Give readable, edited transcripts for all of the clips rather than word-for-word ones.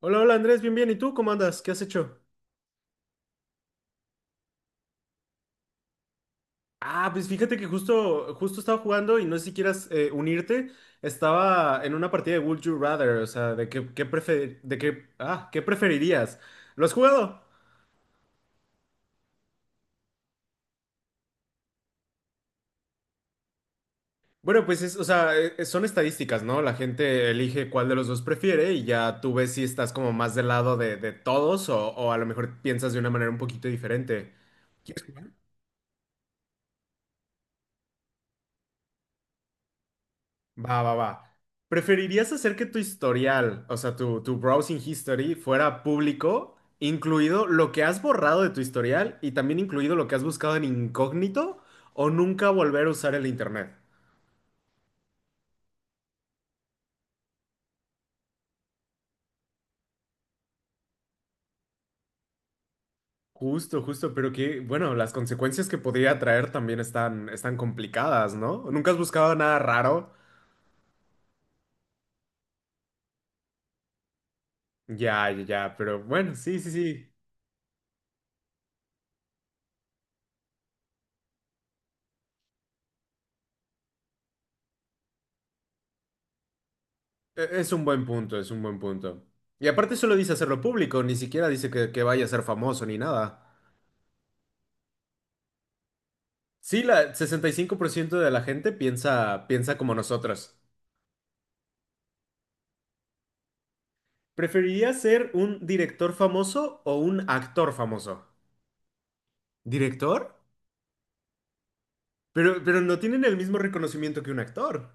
Hola, hola Andrés, bien, bien. ¿Y tú cómo andas? ¿Qué has hecho? Ah, pues fíjate que justo, justo estaba jugando y no sé si quieras unirte. Estaba en una partida de Would You Rather, o sea, de qué, qué prefer- de qué, ah, ¿qué preferirías? ¿Lo has jugado? Bueno, pues es, o sea, son estadísticas, ¿no? La gente elige cuál de los dos prefiere y ya tú ves si estás como más del lado de todos o a lo mejor piensas de una manera un poquito diferente. ¿Quieres jugar? Va, va, va. ¿Preferirías hacer que tu historial, o sea, tu browsing history, fuera público, incluido lo que has borrado de tu historial y también incluido lo que has buscado en incógnito, o nunca volver a usar el internet? Justo, justo, pero que, bueno, las consecuencias que podría traer también están, están complicadas, ¿no? ¿Nunca has buscado nada raro? Ya, ya, ya, pero bueno, sí, sí, sí. Es un buen punto, es un buen punto. Y aparte solo dice hacerlo público, ni siquiera dice que vaya a ser famoso ni nada. Sí, la 65% de la gente piensa, piensa como nosotros. ¿Preferirías ser un director famoso o un actor famoso? ¿Director? Pero no tienen el mismo reconocimiento que un actor.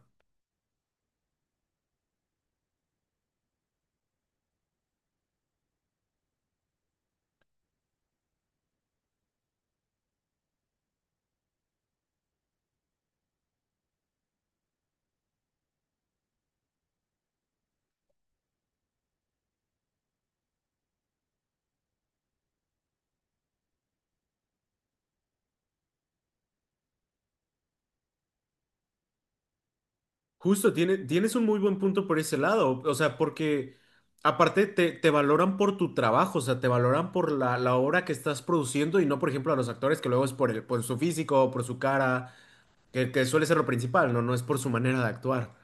Justo, tienes un muy buen punto por ese lado. O sea, porque aparte te valoran por tu trabajo, o sea, te valoran por la obra que estás produciendo y no, por ejemplo, a los actores que luego es por por su físico, por su cara, que suele ser lo principal, ¿no? No es por su manera de actuar.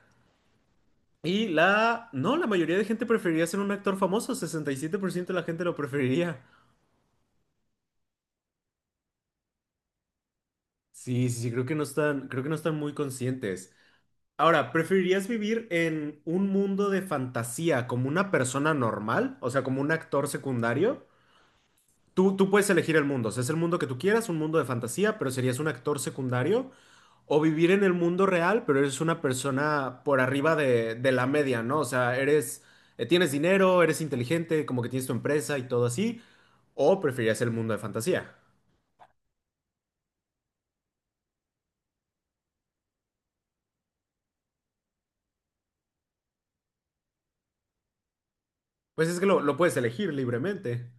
No, la mayoría de gente preferiría ser un actor famoso, 67% de la gente lo preferiría. Sí, sí, sí, creo que no están muy conscientes. Ahora, ¿preferirías vivir en un mundo de fantasía como una persona normal? O sea, como un actor secundario. Tú puedes elegir el mundo, o sea, es el mundo que tú quieras, un mundo de fantasía, pero serías un actor secundario, o vivir en el mundo real, pero eres una persona por arriba de la media, ¿no? O sea, tienes dinero, eres inteligente, como que tienes tu empresa y todo así, o preferirías el mundo de fantasía. Pues es que lo puedes elegir libremente.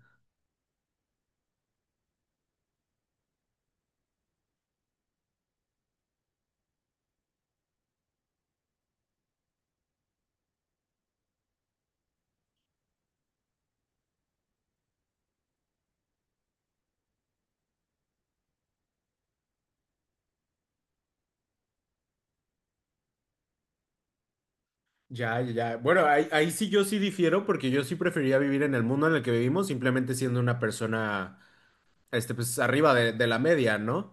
Ya, ya, ya. Bueno, ahí sí yo sí difiero, porque yo sí preferiría vivir en el mundo en el que vivimos, simplemente siendo una persona, este, pues arriba de la media, ¿no?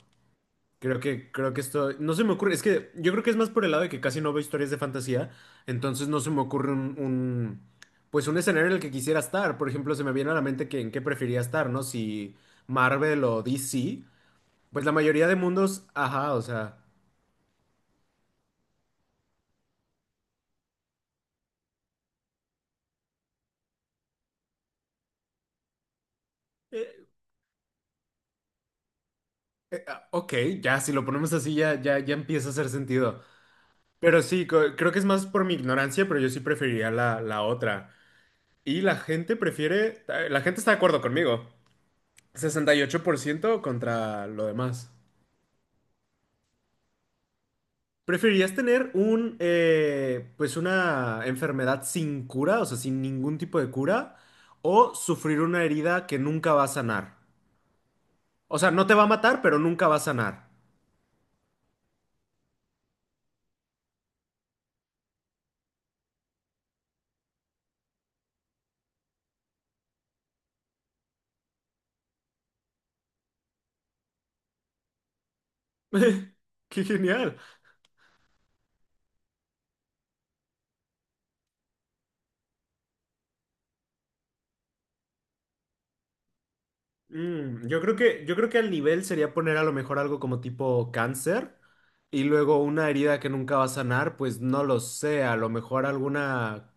Creo que esto, no se me ocurre, es que yo creo que es más por el lado de que casi no veo historias de fantasía, entonces no se me ocurre un, pues un escenario en el que quisiera estar, por ejemplo, se me viene a la mente que en qué preferiría estar, ¿no? Si Marvel o DC, pues la mayoría de mundos, ajá, o sea, eh, ok, ya, si lo ponemos así ya, ya, ya empieza a hacer sentido, pero sí, creo que es más por mi ignorancia, pero yo sí preferiría la otra, y la gente prefiere, la gente está de acuerdo conmigo, 68% contra lo demás. ¿Preferirías tener un, pues una enfermedad sin cura, o sea, sin ningún tipo de cura, o sufrir una herida que nunca va a sanar? O sea, no te va a matar, pero nunca va a sanar. ¡Qué genial! Mm, yo creo que al nivel sería poner a lo mejor algo como tipo cáncer y luego una herida que nunca va a sanar, pues no lo sé, a lo mejor alguna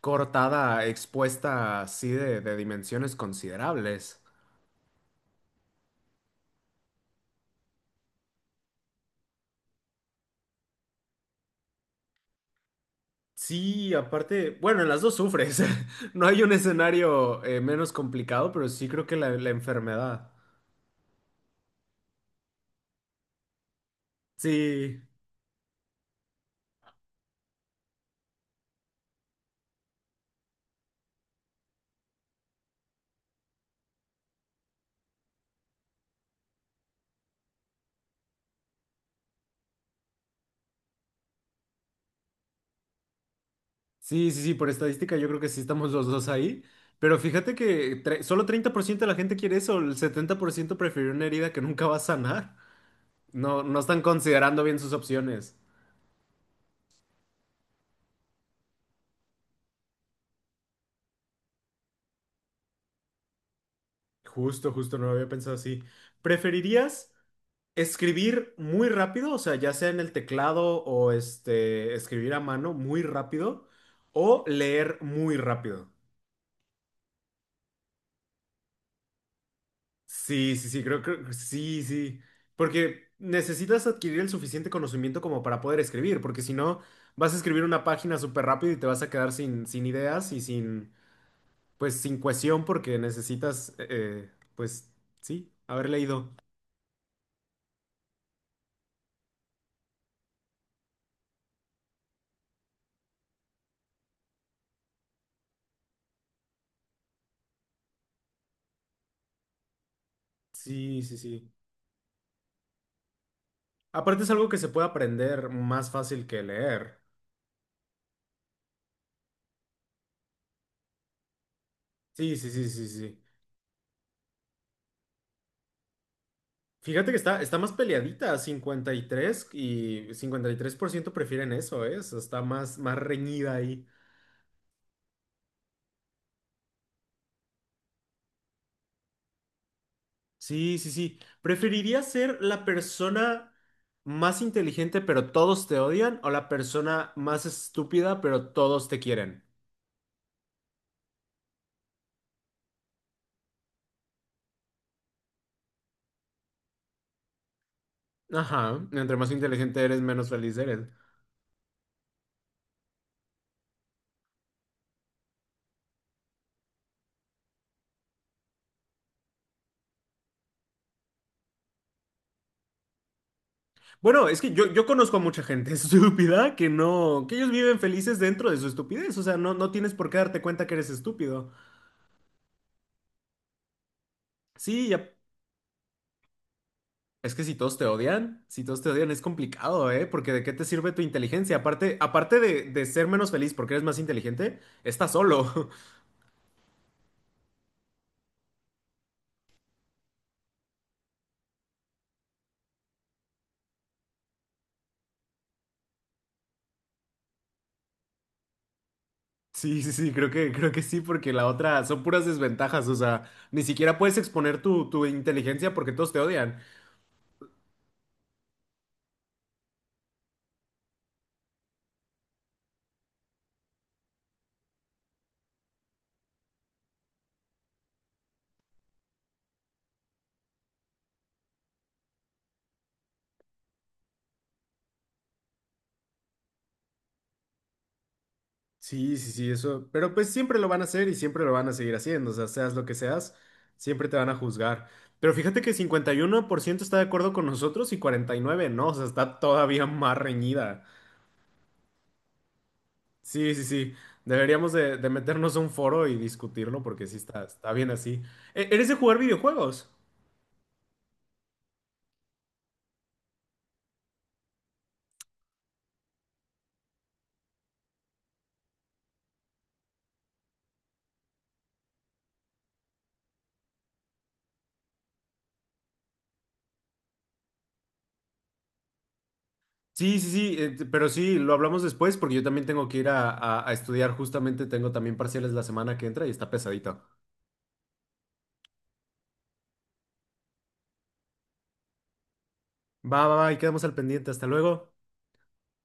cortada expuesta así de dimensiones considerables. Sí, aparte, bueno, en las dos sufres. No hay un escenario menos complicado, pero sí creo que la enfermedad. Sí, sí, sí, sí, por estadística yo creo que sí estamos los dos ahí. Pero fíjate que solo 30% de la gente quiere eso, el 70% prefirió una herida que nunca va a sanar. No, no están considerando bien sus opciones. Justo, justo, no lo había pensado así. ¿Preferirías? Escribir muy rápido, o sea, ya sea en el teclado o este, escribir a mano muy rápido o leer muy rápido. Sí, sí, sí, creo que sí, sí, porque necesitas adquirir el suficiente conocimiento como para poder escribir, porque si no, vas a escribir una página súper rápido y te vas a quedar sin ideas y sin, pues, sin cohesión porque necesitas, pues, sí, haber leído. Sí, sí, sí. Aparte es algo que se puede aprender más fácil que leer. Sí, sí, sí, sí, sí. Fíjate que está, está más peleadita, cincuenta y tres tres y cincuenta por ciento prefieren eso, ¿eh? O sea, está más, más reñida ahí. Sí, sí, sí. ¿Preferirías ser la persona más inteligente pero todos te odian o la persona más estúpida pero todos te quieren? Ajá, entre más inteligente eres, menos feliz eres. Bueno, es que yo conozco a mucha gente estúpida que no, que ellos viven felices dentro de su estupidez, o sea, no, no tienes por qué darte cuenta que eres estúpido. Sí, es que si todos te odian es complicado, ¿eh? Porque ¿de qué te sirve tu inteligencia? Aparte, aparte de ser menos feliz porque eres más inteligente, estás solo. Sí, sí, sí, creo que sí, porque la otra son puras desventajas, o sea, ni siquiera puedes exponer tu inteligencia porque todos te odian. Sí, sí, sí, eso. Pero pues siempre lo van a hacer y siempre lo van a seguir haciendo, o sea, seas lo que seas, siempre te van a juzgar. Pero fíjate que 51% está de acuerdo con nosotros y 49% no, o sea, está todavía más reñida. Sí, sí, sí. Deberíamos de meternos a un foro y discutirlo porque sí está, está bien así. ¿Eres de jugar videojuegos? Sí, sí, sí, pero sí, lo hablamos después porque yo también tengo que ir a, a estudiar justamente, tengo también parciales la semana que entra y está pesadito. Va, va, va, y quedamos al pendiente. Hasta luego.